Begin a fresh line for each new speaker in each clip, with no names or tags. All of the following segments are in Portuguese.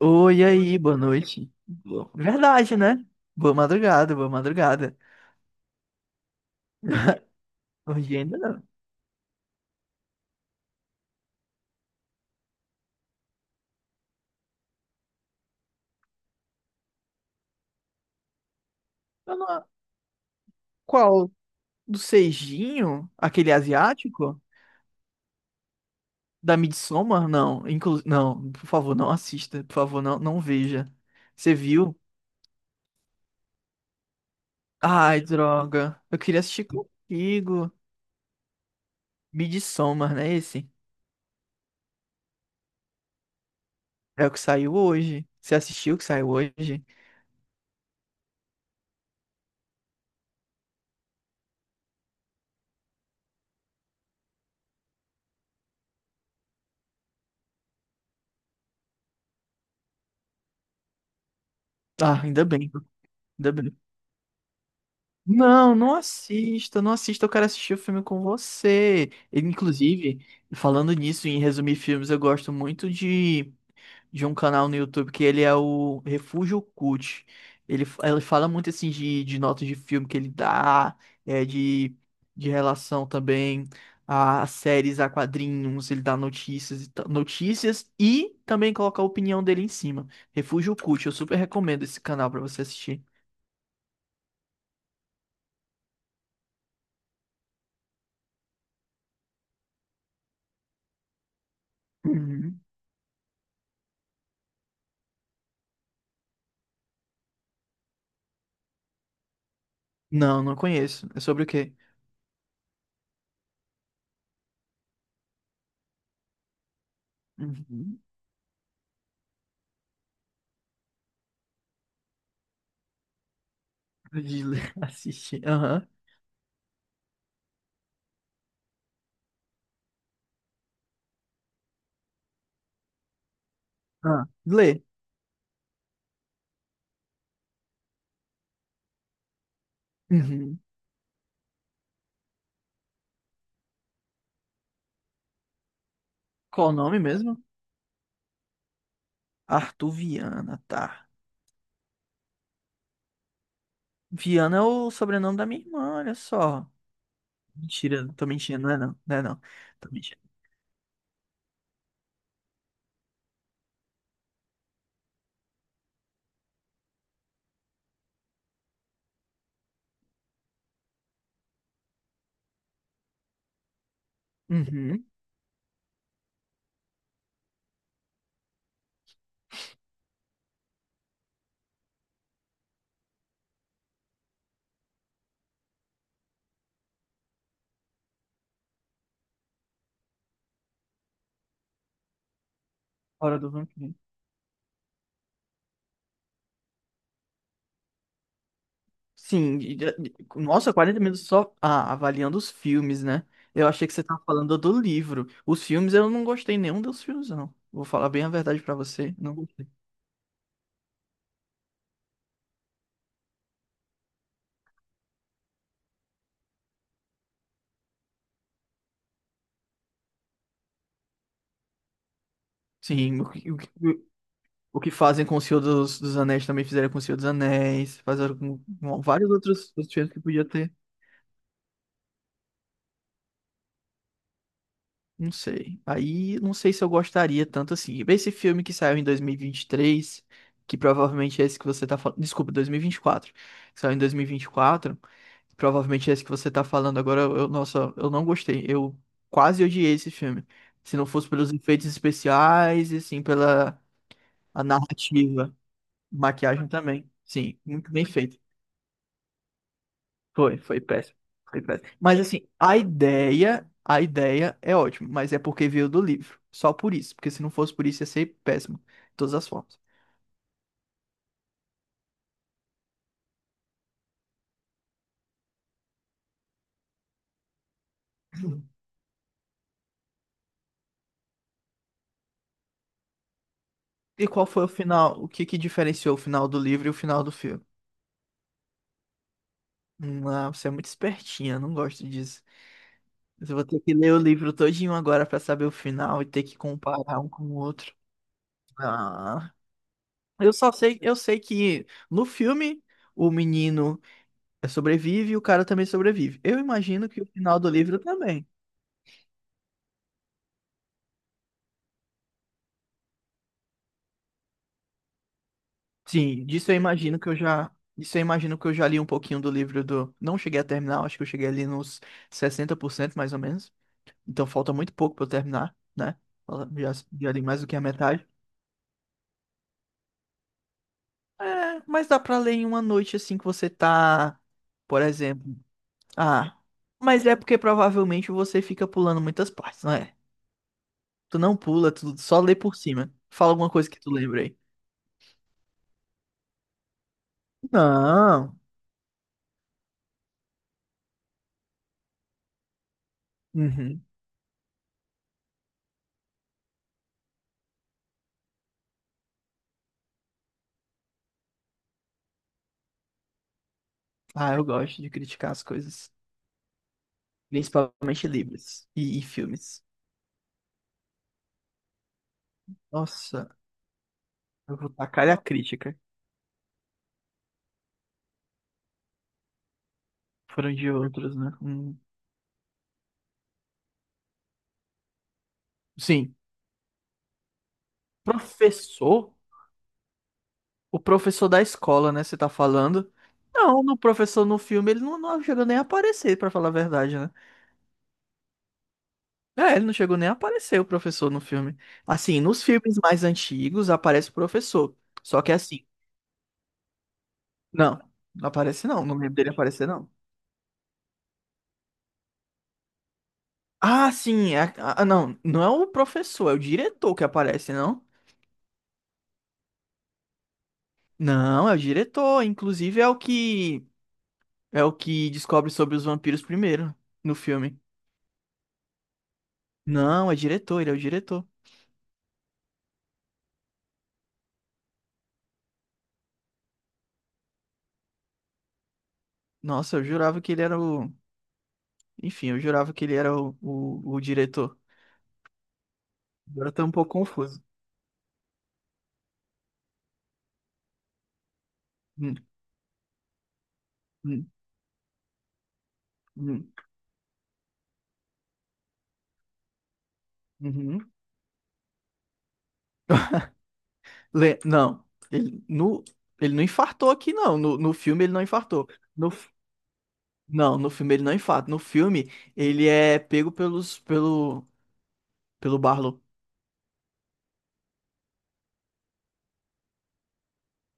Oi, aí, boa noite. Verdade, né? Boa madrugada, boa madrugada. Hoje ainda não. Eu não- Qual? Do Seijinho? Aquele asiático? Da Midsommar? Não, por favor, não assista. Por favor, não, não veja. Você viu? Ai, droga. Eu queria assistir contigo. Midsommar, né? Esse? É o que saiu hoje. Você assistiu o que saiu hoje? Ah, ainda bem. Ainda bem. Não, não assista, não assista, eu quero assistir o filme com você. E, inclusive, falando nisso, em resumir filmes, eu gosto muito de um canal no YouTube que ele é o Refúgio Cult. Ele fala muito assim de notas de filme que ele dá, é, de, de relação também a séries, a quadrinhos, ele dá notícias, e notícias e também coloca a opinião dele em cima. Refúgio Cult, eu super recomendo esse canal pra você assistir. Uhum. Não, não conheço. É sobre o quê? Uhum. De ler, assistir. Aham. Ah, ler. Uhum. Qual o nome mesmo? Arthur Viana, tá. Viana é o sobrenome da minha irmã, olha só. Mentira, tô mentindo, não é não. Não é não. Tô mentindo. Uhum. Hora do Vampiro. Sim, nossa, 40 minutos só avaliando os filmes, né? Eu achei que você tava falando do livro. Os filmes, eu não gostei nenhum dos filmes, não. Vou falar bem a verdade pra você. Não gostei. Sim, o que fazem com o Senhor dos Anéis também fizeram com o Senhor dos Anéis, fizeram com vários outros filmes que podia ter. Não sei. Aí não sei se eu gostaria tanto assim. Esse filme que saiu em 2023, que provavelmente é esse que você tá falando. Desculpa, 2024. Que Saiu em 2024. Provavelmente é esse que você tá falando agora. Nossa, eu não gostei. Eu quase odiei esse filme. Se não fosse pelos efeitos especiais e assim pela a narrativa. Maquiagem também. Sim, muito bem feito. Foi, foi péssimo. Foi péssimo. Mas assim, a ideia é ótima, mas é porque veio do livro. Só por isso, porque se não fosse por isso ia ser péssimo, de todas as formas. E qual foi o final? O que que diferenciou o final do livro e o final do filme? Hum. Ah, você é muito espertinha, não gosto disso. Mas eu vou ter que ler o livro todinho agora pra saber o final e ter que comparar um com o outro. Ah, eu só sei, eu sei que no filme o menino sobrevive e o cara também sobrevive. Eu imagino que o final do livro também. Sim, disso eu imagino que eu já. Isso eu imagino que eu já li um pouquinho do livro do. Não cheguei a terminar, acho que eu cheguei ali nos 60% mais ou menos. Então falta muito pouco pra eu terminar, né? Fala- Já, já li mais do que a metade. É, mas dá pra ler em uma noite assim que você tá, por exemplo. Ah, mas é porque provavelmente você fica pulando muitas partes, não é? Tu não pula, tu só lê por cima. Fala alguma coisa que tu lembra aí. Não. Uhum. Ah, eu gosto de criticar as coisas. Principalmente livros e filmes. Nossa, eu vou tacar a crítica. Foram de outros, né? Hum. Sim. Professor? O professor da escola, né? Você tá falando? Não, no filme, ele não chegou nem a aparecer, pra falar a verdade, né? É, ele não chegou nem a aparecer, o professor, no filme. Assim, nos filmes mais antigos aparece o professor. Só que assim, não, não aparece não, não lembro dele aparecer, não. Ah, sim, não, não é o professor, é o diretor que aparece, não? Não, é o diretor. Inclusive é o que descobre sobre os vampiros primeiro no filme. Não, é diretor, ele é o diretor. Nossa, eu jurava que ele era o. Enfim, eu jurava que ele era o diretor. Agora tá um pouco confuso. Hum, hum, hum, uhum. Não, ele, no, ele não infartou aqui, não. No filme ele não infartou. No, f- não, no filme ele não infarta. No filme ele é pego pelo Barlow.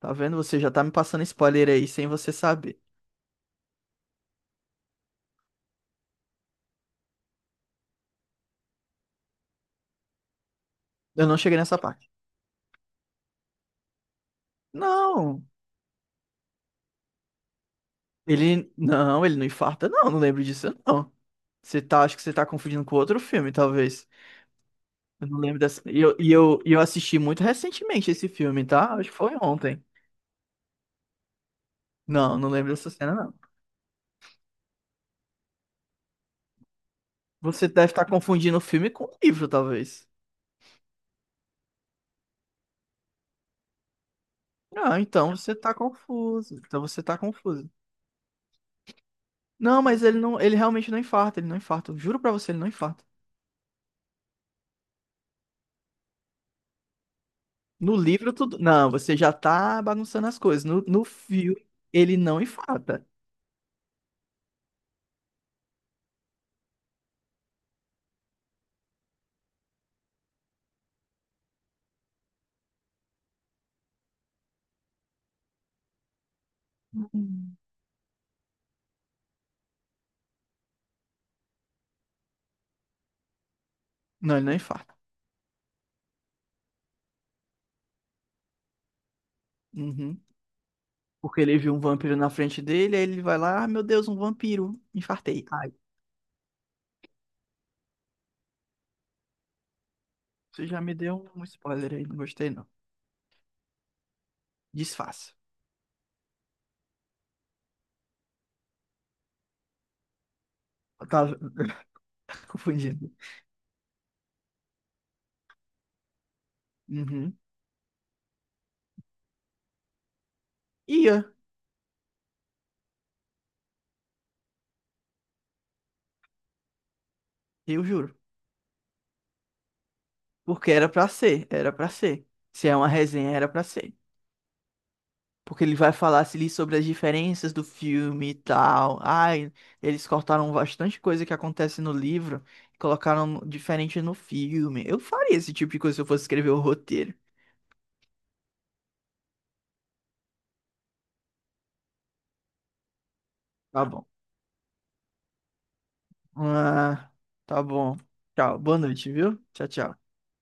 Tá vendo? Você já tá me passando spoiler aí sem você saber. Eu não cheguei nessa parte. Não, ele não infarta, não, não lembro disso, não. Acho que você tá confundindo com outro filme, talvez. Eu não lembro dessa. E eu assisti muito recentemente esse filme, tá? Acho que foi ontem. Não, não lembro dessa cena, não. Você deve estar confundindo o filme com o livro, talvez. Ah, então você tá confuso. Então você tá confuso. Não, mas ele realmente não infarta, ele não infarta. Eu juro pra você, ele não infarta. No livro tudo. Não, você já tá bagunçando as coisas. No filme, ele não infarta. Não, ele não infarta. Uhum. Porque ele viu um vampiro na frente dele, aí ele vai lá, ah, meu Deus, um vampiro. Infartei. Ai, você já me deu um spoiler aí, não gostei não. Disfarça. Eu tava confundindo. Uhum. Ia, eu juro. Porque era pra ser, era pra ser. Se é uma resenha, era pra ser. Porque ele vai falar se ali sobre as diferenças do filme e tal. Ai, eles cortaram bastante coisa que acontece no livro e colocaram diferente no filme. Eu faria esse tipo de coisa se eu fosse escrever o roteiro. Tá bom. Ah, tá bom. Tchau. Boa noite, viu? Tchau, tchau.